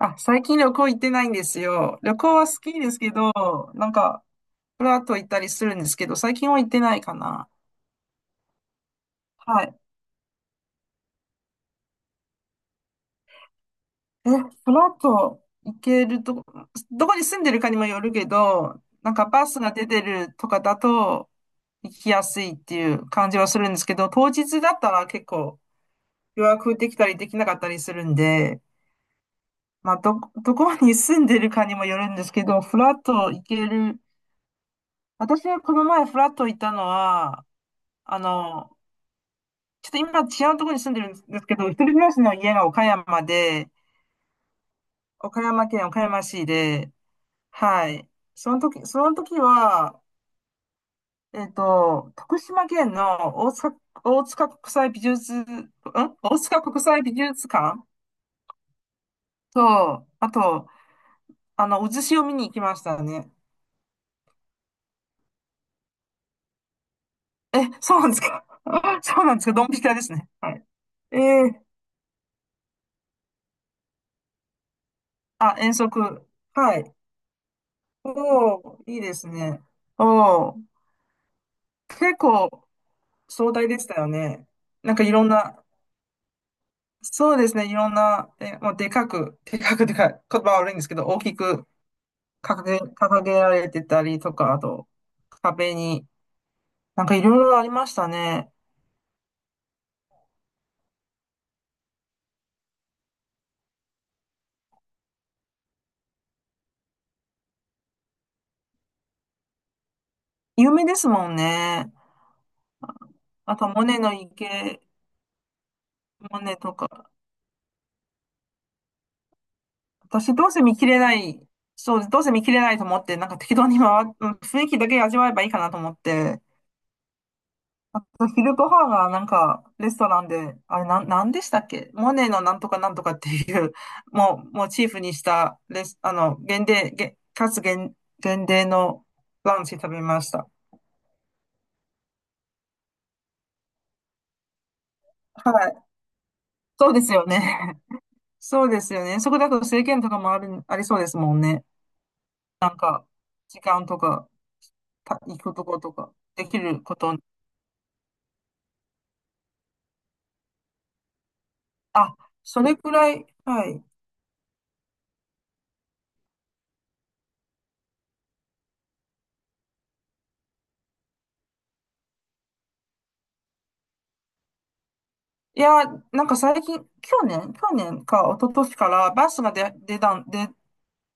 あ、最近旅行行ってないんですよ。旅行は好きですけど、なんか、フラッと行ったりするんですけど、最近は行ってないかな。はい。フラッと行けるとこ、どこに住んでるかにもよるけど、なんかバスが出てるとかだと行きやすいっていう感じはするんですけど、当日だったら結構予約できたりできなかったりするんで、まあ、どこに住んでるかにもよるんですけど、フラッと行ける。私はこの前フラッと行ったのは、あの、ちょっと今違うところに住んでるんですけど、一人暮らしの家が岡山で、岡山県岡山市で、はい。その時は、徳島県の大塚国際美術、ん大塚国際美術館と、あと、渦潮を見に行きましたね。え、そうなんですか。 そうなんですかドンピシャですね。はい。えー、あ、遠足。はい。おー、いいですね。おー、結構、壮大でしたよね。なんかいろんな、そうですね、いろんな、え、もうでかい、言葉悪いんですけど、大きく掲げられてたりとか、あと、壁に、なんかいろいろありましたね。有名ですもんね。あと、モネの池、モネとか。私、どうせ見切れない、そうどうせ見切れないと思って、なんか適当に回っ、うん雰囲気だけ味わえばいいかなと思って、あと、昼ご飯はなんか、レストランで、あれ、なんでしたっけモネのなんとかなんとかっていう、もう、モチーフにした、レス、あの、限定、げ、かつ限、限定のランチ食べました。はい。そうですよね。そうですよね。そこだと制限とかもある、ありそうですもんね。なんか、時間とか、行くとことか、できること。あ、それくらい、はい。いや、なんか最近、去年か一昨年からバスが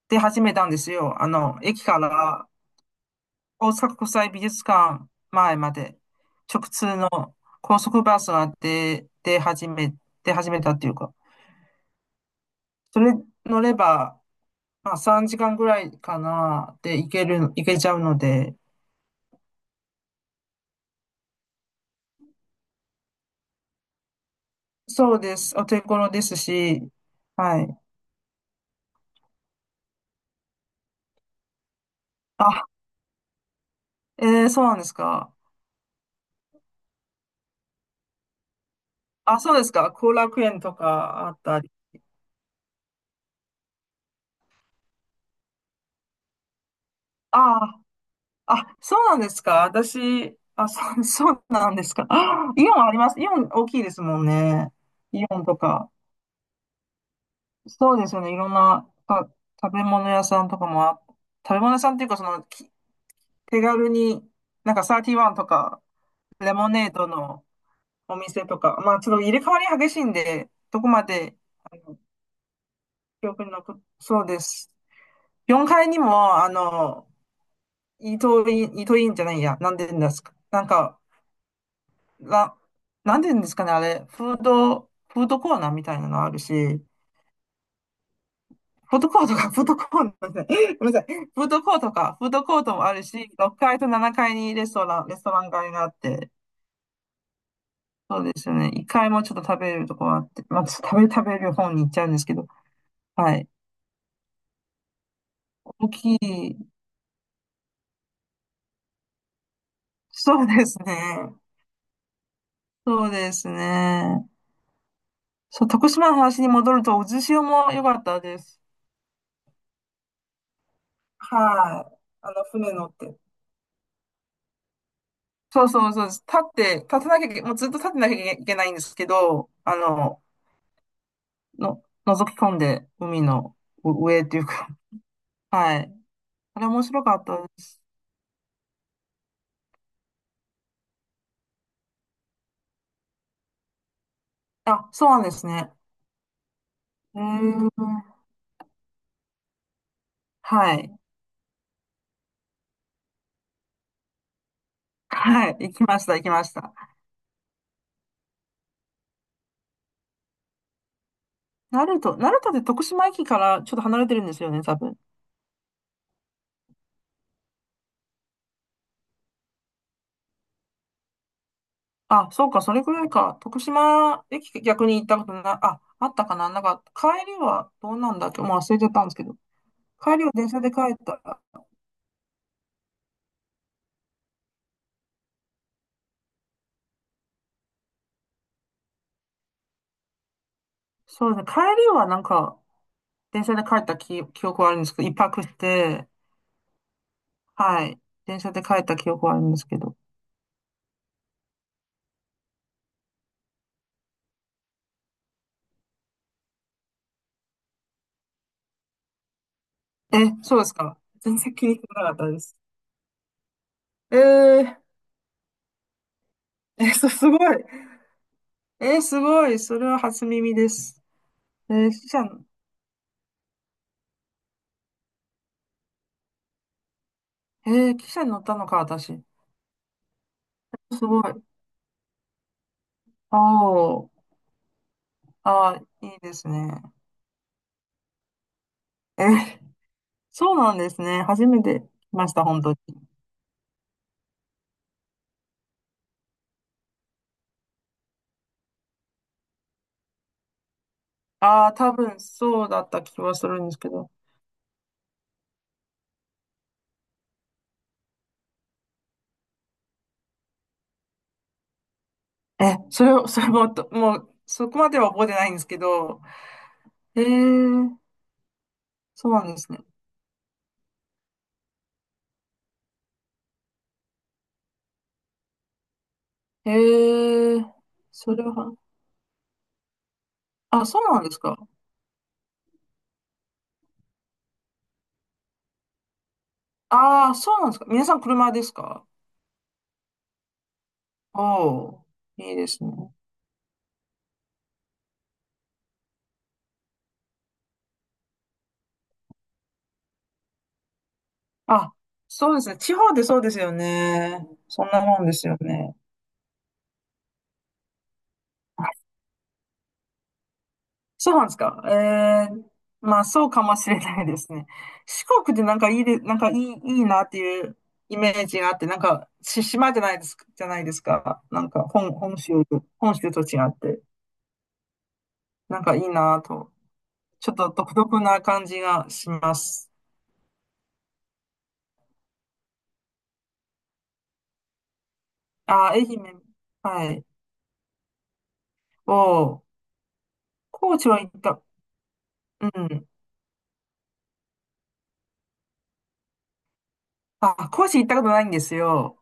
出始めたんですよ。あの、駅から大阪国際美術館前まで直通の高速バスが出始めたっていうか、それ乗れば、まあ3時間ぐらいかなで行けちゃうので、そうです。お手頃ですし、はい。あ、えー、そうなんですか。あ、そうですか。後楽園とかあったり。ああ、そうなんですか。私、あ、そう、そうなんですか。あイオンあります。イオン大きいですもんね。イオンとか。そうですよね。いろんなか食べ物屋さんとかもあ、食べ物屋さんっていうか、手軽に、なんかサーティワンとか、レモネードのお店とか、まあちょっと入れ替わり激しいんで、どこまで、あの、記憶に残っ、そうです。4階にも、あの、イートインじゃないや、なんでですか。なんか、な、なんて言うんですかね、あれ、フードコーナーみたいなのあるし、フードコートか、フードコーナーじゃない、ごめんなさい、フードコートか、フードコートもあるし、6階と7階にレストラン街があって、そうですよね、1階もちょっと食べれるとこがあって、まあ、ちょっと食べ、食べる方に行っちゃうんですけど、はい、大きい、そうですね、そうですね、そう、徳島の話に戻ると、渦潮も良かったです。はい、あの、船乗って。そうそうそうです。立って、立たなきゃいけ、もうずっと立ってなきゃいけないんですけど、あの、覗き込んで、海の上っていうか、はい。あれ面白かったです。あ、そうなんですね。えー、はい。はい。行きました、行きました。鳴門って徳島駅からちょっと離れてるんですよね、多分。あ、そうか、それくらいか。徳島駅逆に行ったことな、あ、あったかな。なんか、帰りはどうなんだっけもう忘れちゃったんですけど。帰りは電車で帰ったら。そうですね。帰りはなんか、電車で帰った記、記憶はあるんですけど、一泊して、はい。電車で帰った記憶はあるんですけど。え、そうですか。全然気にしわなかったです。えー、え、そすごい。えー、すごい。それは初耳です。えー、えー、汽車に乗ったのか、私。すごい。あーあー、いいですね。えー、そうなんですね。初めて来ました、本当に。ああ、多分そうだった気はするんですけど。え、それも、もう、そこまでは覚えてないんですけど、ええ、そうなんですね。ええ、それは、あ、そうなんですか。ああ、そうなんですか。皆さん車ですか。おおー、いいですね。あ、そうですね。地方でそうですよね。そんなもんですよね。そうなんですか。ええ、まあそうかもしれないですね。四国でいいなっていうイメージがあって、なんか、島じゃないですか、じゃないですか。なんか本州と違って、なんかいいなと。ちょっと独特な感じがします。あ、愛媛、はい。を、高知は行った、うん。あ、高知行ったことないんですよ。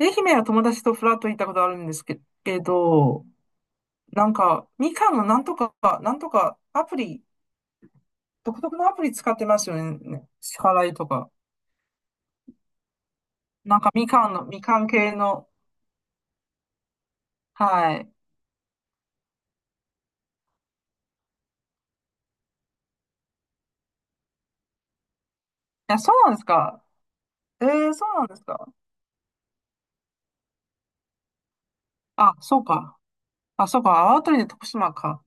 愛媛は友達とフラッと行ったことあるんですけ、けど、なんか、みかんのなんとか、なんとかアプリ、独特のアプリ使ってますよね。支払いとか。みかん系の、はい。いや、そうなんですか。えー、そうなんですか。あ、そうか。あ、そうか。あわとりで徳島か。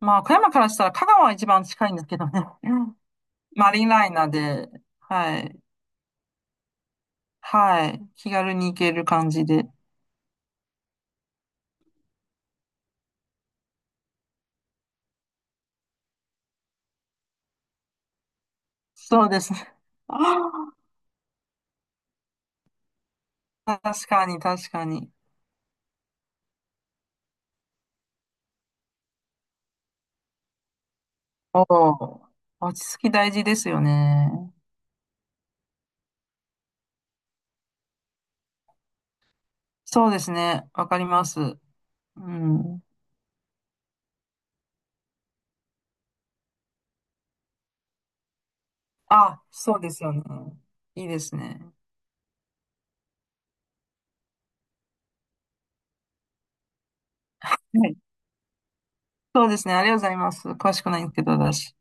まあ、富山からしたら香川は一番近いんですけどね。うんマリンライナーで、はい、はい、気軽に行ける感じで。そうですね。あー確かに、確かに。おお、落ち着き大事ですよね。そうですね。わかります。うん。あ、そうですよね。いいですね。はい。そうですね。ありがとうございます。詳しくないんですけど、私。